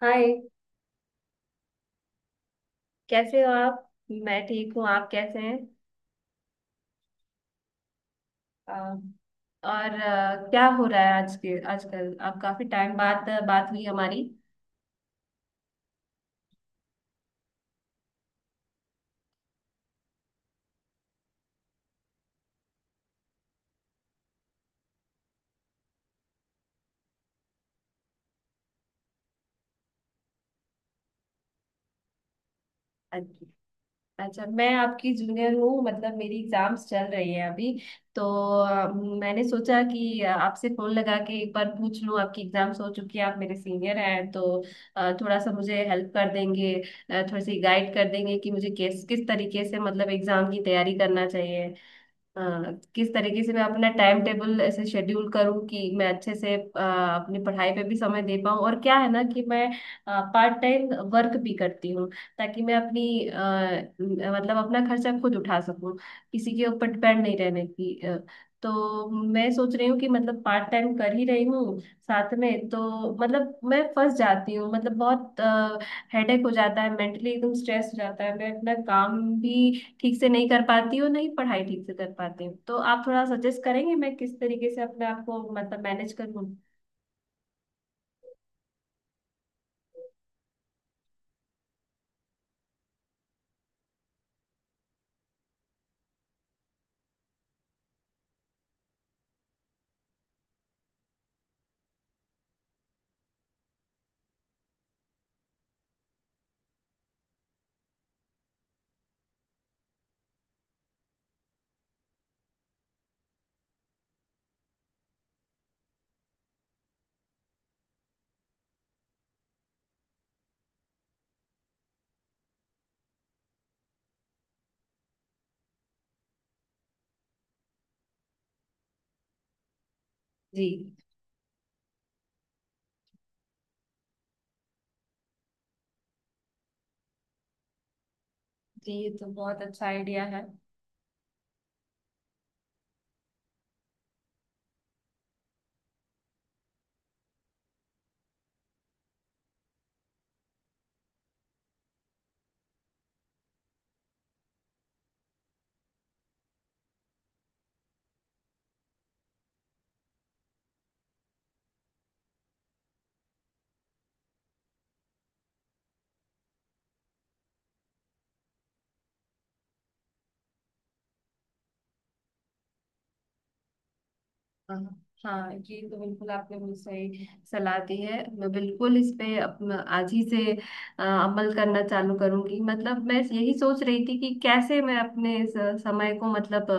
हाय। कैसे हो आप? मैं ठीक हूँ। आप कैसे हैं? अ, और क्या हो रहा है आज के आजकल? आप काफी टाइम बाद बात हुई हमारी। अच्छा। अच्छा, मैं आपकी जूनियर हूँ, मतलब मेरी एग्जाम्स चल रही है अभी। तो मैंने सोचा कि आपसे फोन लगा के एक बार पूछ लूँ। आपकी एग्जाम्स हो चुकी है, आप मेरे सीनियर हैं, तो थोड़ा सा मुझे हेल्प कर देंगे, थोड़ी सी गाइड कर देंगे कि मुझे किस किस तरीके से मतलब एग्जाम की तैयारी करना चाहिए। हाँ, किस तरीके से मैं अपना टाइम टेबल ऐसे शेड्यूल करूँ कि मैं अच्छे से अपनी पढ़ाई पे भी समय दे पाऊँ। और क्या है ना कि मैं पार्ट टाइम वर्क भी करती हूँ ताकि मैं अपनी मतलब अपना खर्चा खुद उठा सकूँ, किसी के ऊपर डिपेंड नहीं रहने की। तो मैं सोच रही हूँ कि मतलब पार्ट टाइम कर ही रही हूँ साथ में, तो मतलब मैं फंस जाती हूँ, मतलब बहुत हेडेक हो जाता है, मेंटली एकदम स्ट्रेस हो जाता है। मैं अपना काम भी ठीक से नहीं कर पाती हूँ, नहीं पढ़ाई ठीक से कर पाती हूँ। तो आप थोड़ा सजेस्ट करेंगे मैं किस तरीके से अपने आप को मतलब मैनेज करूँ। जी। जी, ये तो बहुत अच्छा आइडिया है। हाँ। हाँ, ये तो बिल्कुल आपने मुझे सही सलाह दी है। मैं बिल्कुल इस पे आज ही से अमल करना चालू करूंगी। मतलब मैं यही सोच रही थी कि कैसे मैं अपने इस समय को मतलब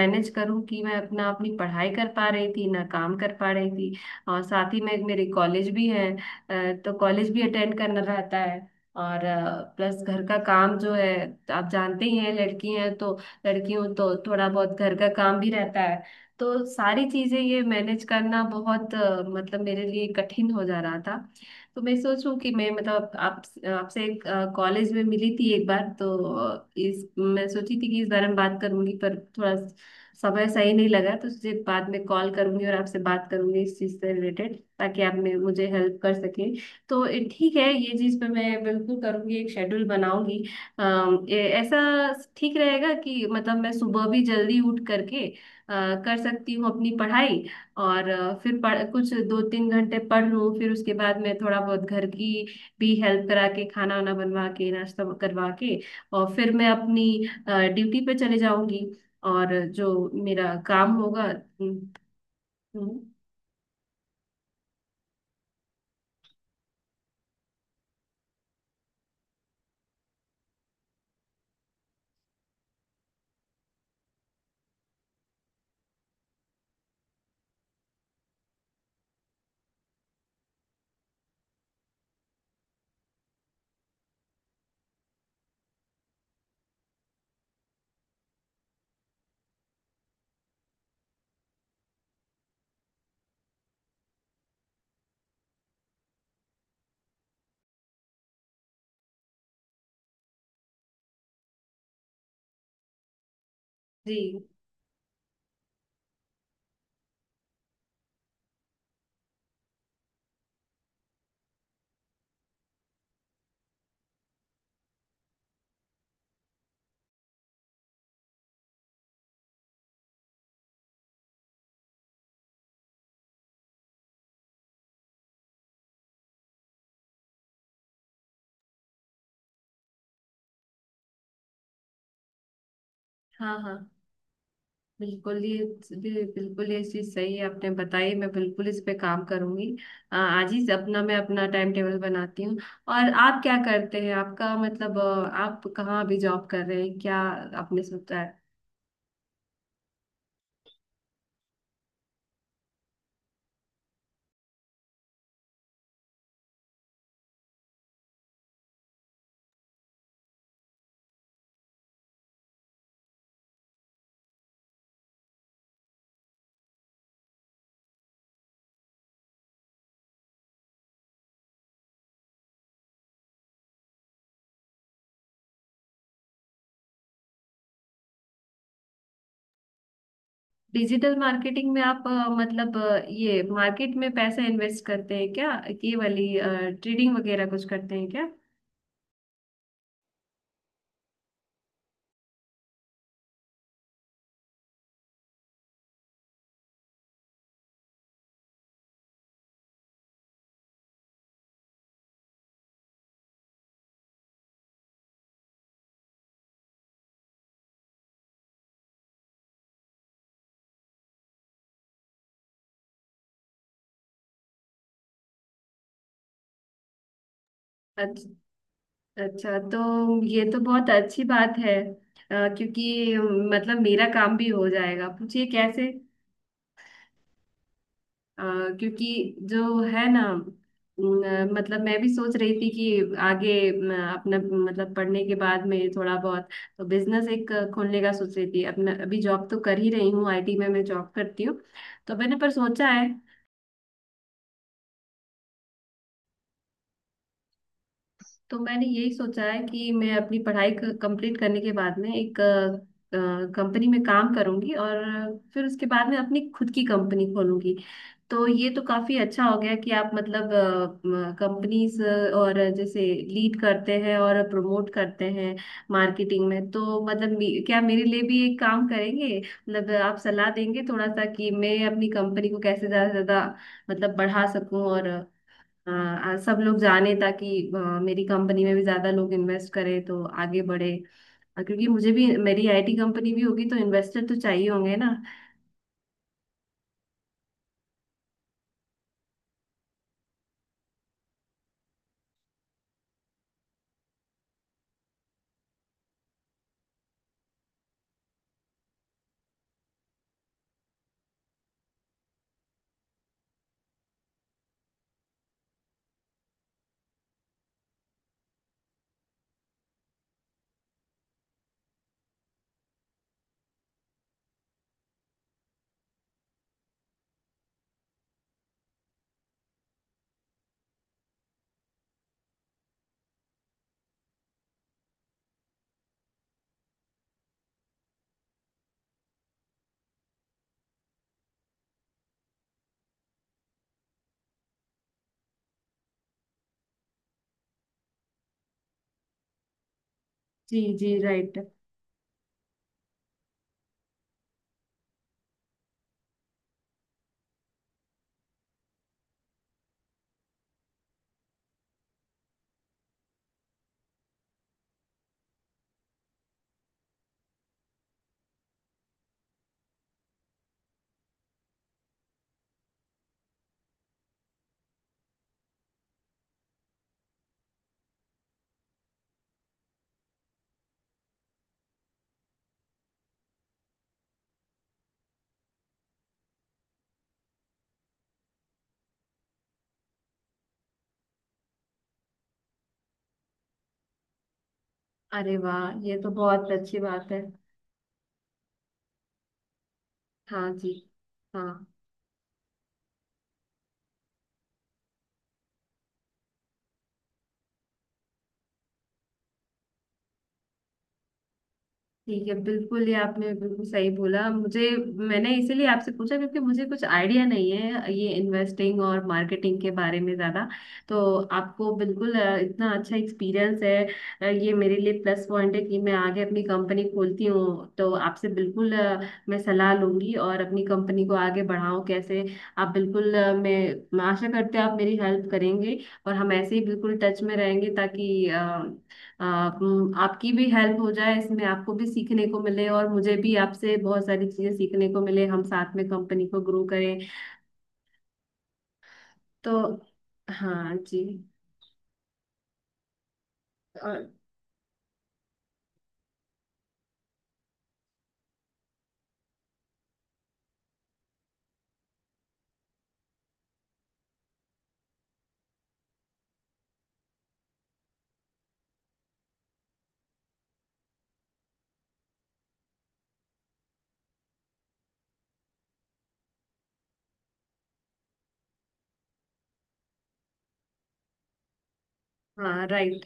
मैनेज करूं कि मैं अपना अपनी पढ़ाई कर पा रही थी ना काम कर पा रही थी। और साथ ही में मेरे कॉलेज भी है। तो कॉलेज भी अटेंड करना रहता है। और प्लस घर का काम जो है, आप जानते ही हैं लड़की हैं तो लड़कियों तो थोड़ा बहुत घर का काम भी रहता है। तो सारी चीजें ये मैनेज करना बहुत मतलब मेरे लिए कठिन हो जा रहा था। तो मैं सोचूं कि मैं मतलब आप आपसे कॉलेज में मिली थी एक बार, तो इस मैं सोची थी कि इस बारे में बात करूंगी, पर थोड़ा समय सही नहीं लगा। तो तुझे बाद में कॉल करूंगी और आपसे बात करूंगी इस चीज से रिलेटेड, ताकि आप मुझे हेल्प कर सकें। तो ये ठीक है, ये चीज पे मैं बिल्कुल करूंगी, एक शेड्यूल बनाऊंगी। ये ऐसा ठीक रहेगा कि मतलब मैं सुबह भी जल्दी उठ करके अ, कर सकती हूँ अपनी पढ़ाई। और फिर पढ़ कुछ दो तीन घंटे पढ़ लूँ, फिर उसके बाद मैं थोड़ा बहुत घर की भी हेल्प करा के, खाना वाना बनवा के, नाश्ता करवा के, और फिर मैं अपनी ड्यूटी पे चले जाऊंगी और जो मेरा काम होगा। हम्म। हम्म। जी। हाँ। हाँ, बिल्कुल ये बिल्कुल ये चीज सही है आपने बताई। मैं बिल्कुल इस पे काम करूंगी। आज ही अपना मैं अपना टाइम टेबल बनाती हूँ। और आप क्या करते हैं? आपका मतलब आप कहाँ अभी जॉब कर रहे हैं क्या? आपने सोचा है? डिजिटल मार्केटिंग में आप मतलब ये मार्केट में पैसा इन्वेस्ट करते हैं क्या? ये वाली ट्रेडिंग वगैरह कुछ करते हैं क्या? अच्छा। अच्छा, तो ये तो बहुत अच्छी बात है। क्योंकि मतलब मेरा काम भी हो जाएगा, पूछिए कैसे। अ, क्योंकि जो है ना, न, मतलब मैं भी सोच रही थी कि आगे अपना मतलब पढ़ने के बाद में थोड़ा बहुत तो बिजनेस एक खोलने का सोच रही थी अपना। अभी जॉब तो कर ही रही हूँ, आईटी में मैं जॉब करती हूँ। तो मैंने पर सोचा है, तो मैंने यही सोचा है कि मैं अपनी पढ़ाई कंप्लीट करने के बाद में एक कंपनी में काम करूंगी और फिर उसके बाद में अपनी खुद की कंपनी खोलूंगी। तो ये तो काफी अच्छा हो गया कि आप मतलब कंपनीज और जैसे लीड करते हैं और प्रमोट करते हैं मार्केटिंग में। तो मतलब क्या मेरे लिए भी एक काम करेंगे? मतलब आप सलाह देंगे थोड़ा सा कि मैं अपनी कंपनी को कैसे ज्यादा से ज्यादा मतलब बढ़ा सकूं और हाँ, सब लोग जाने ताकि मेरी कंपनी में भी ज्यादा लोग इन्वेस्ट करें तो आगे बढ़े। क्योंकि मुझे भी मेरी आईटी कंपनी भी होगी तो इन्वेस्टर तो चाहिए होंगे ना। जी जी, राइट। अरे वाह, ये तो बहुत अच्छी बात है। हाँ जी। हाँ। ठीक है, बिल्कुल ये आपने बिल्कुल सही बोला मुझे। मैंने इसीलिए आपसे पूछा क्योंकि मुझे कुछ आइडिया नहीं है ये इन्वेस्टिंग और मार्केटिंग के बारे में ज़्यादा। तो आपको बिल्कुल इतना अच्छा एक्सपीरियंस है। ये मेरे लिए प्लस पॉइंट है कि मैं आगे अपनी कंपनी खोलती हूँ तो आपसे बिल्कुल मैं सलाह लूंगी और अपनी कंपनी को आगे बढ़ाऊँ कैसे। आप बिल्कुल मैं आशा करते हैं आप मेरी हेल्प करेंगे और हम ऐसे ही बिल्कुल टच में रहेंगे ताकि आप आपकी भी हेल्प हो जाए इसमें, आपको भी सीखने को मिले और मुझे भी आपसे बहुत सारी चीजें सीखने को मिले, हम साथ में कंपनी को ग्रो करें। तो हाँ जी। और हाँ, राइट।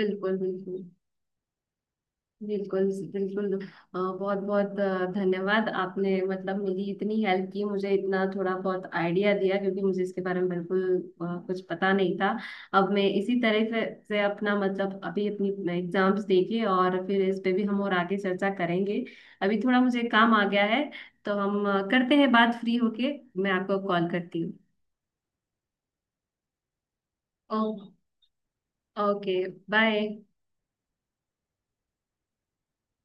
बिल्कुल बिल्कुल। बिल्कुल बिल्कुल। बहुत बहुत धन्यवाद, आपने मतलब मेरी इतनी हेल्प की, मुझे इतना थोड़ा बहुत आइडिया दिया क्योंकि मुझे इसके बारे में बिल्कुल कुछ पता नहीं था। अब मैं इसी तरह से अपना मतलब अभी अपनी एग्जाम्स देके और फिर इस पे भी हम और आगे चर्चा करेंगे। अभी थोड़ा मुझे काम आ गया है। तो हम करते हैं बात फ्री होके, मैं आपको कॉल करती हूँ। ओ- ओके। बाय।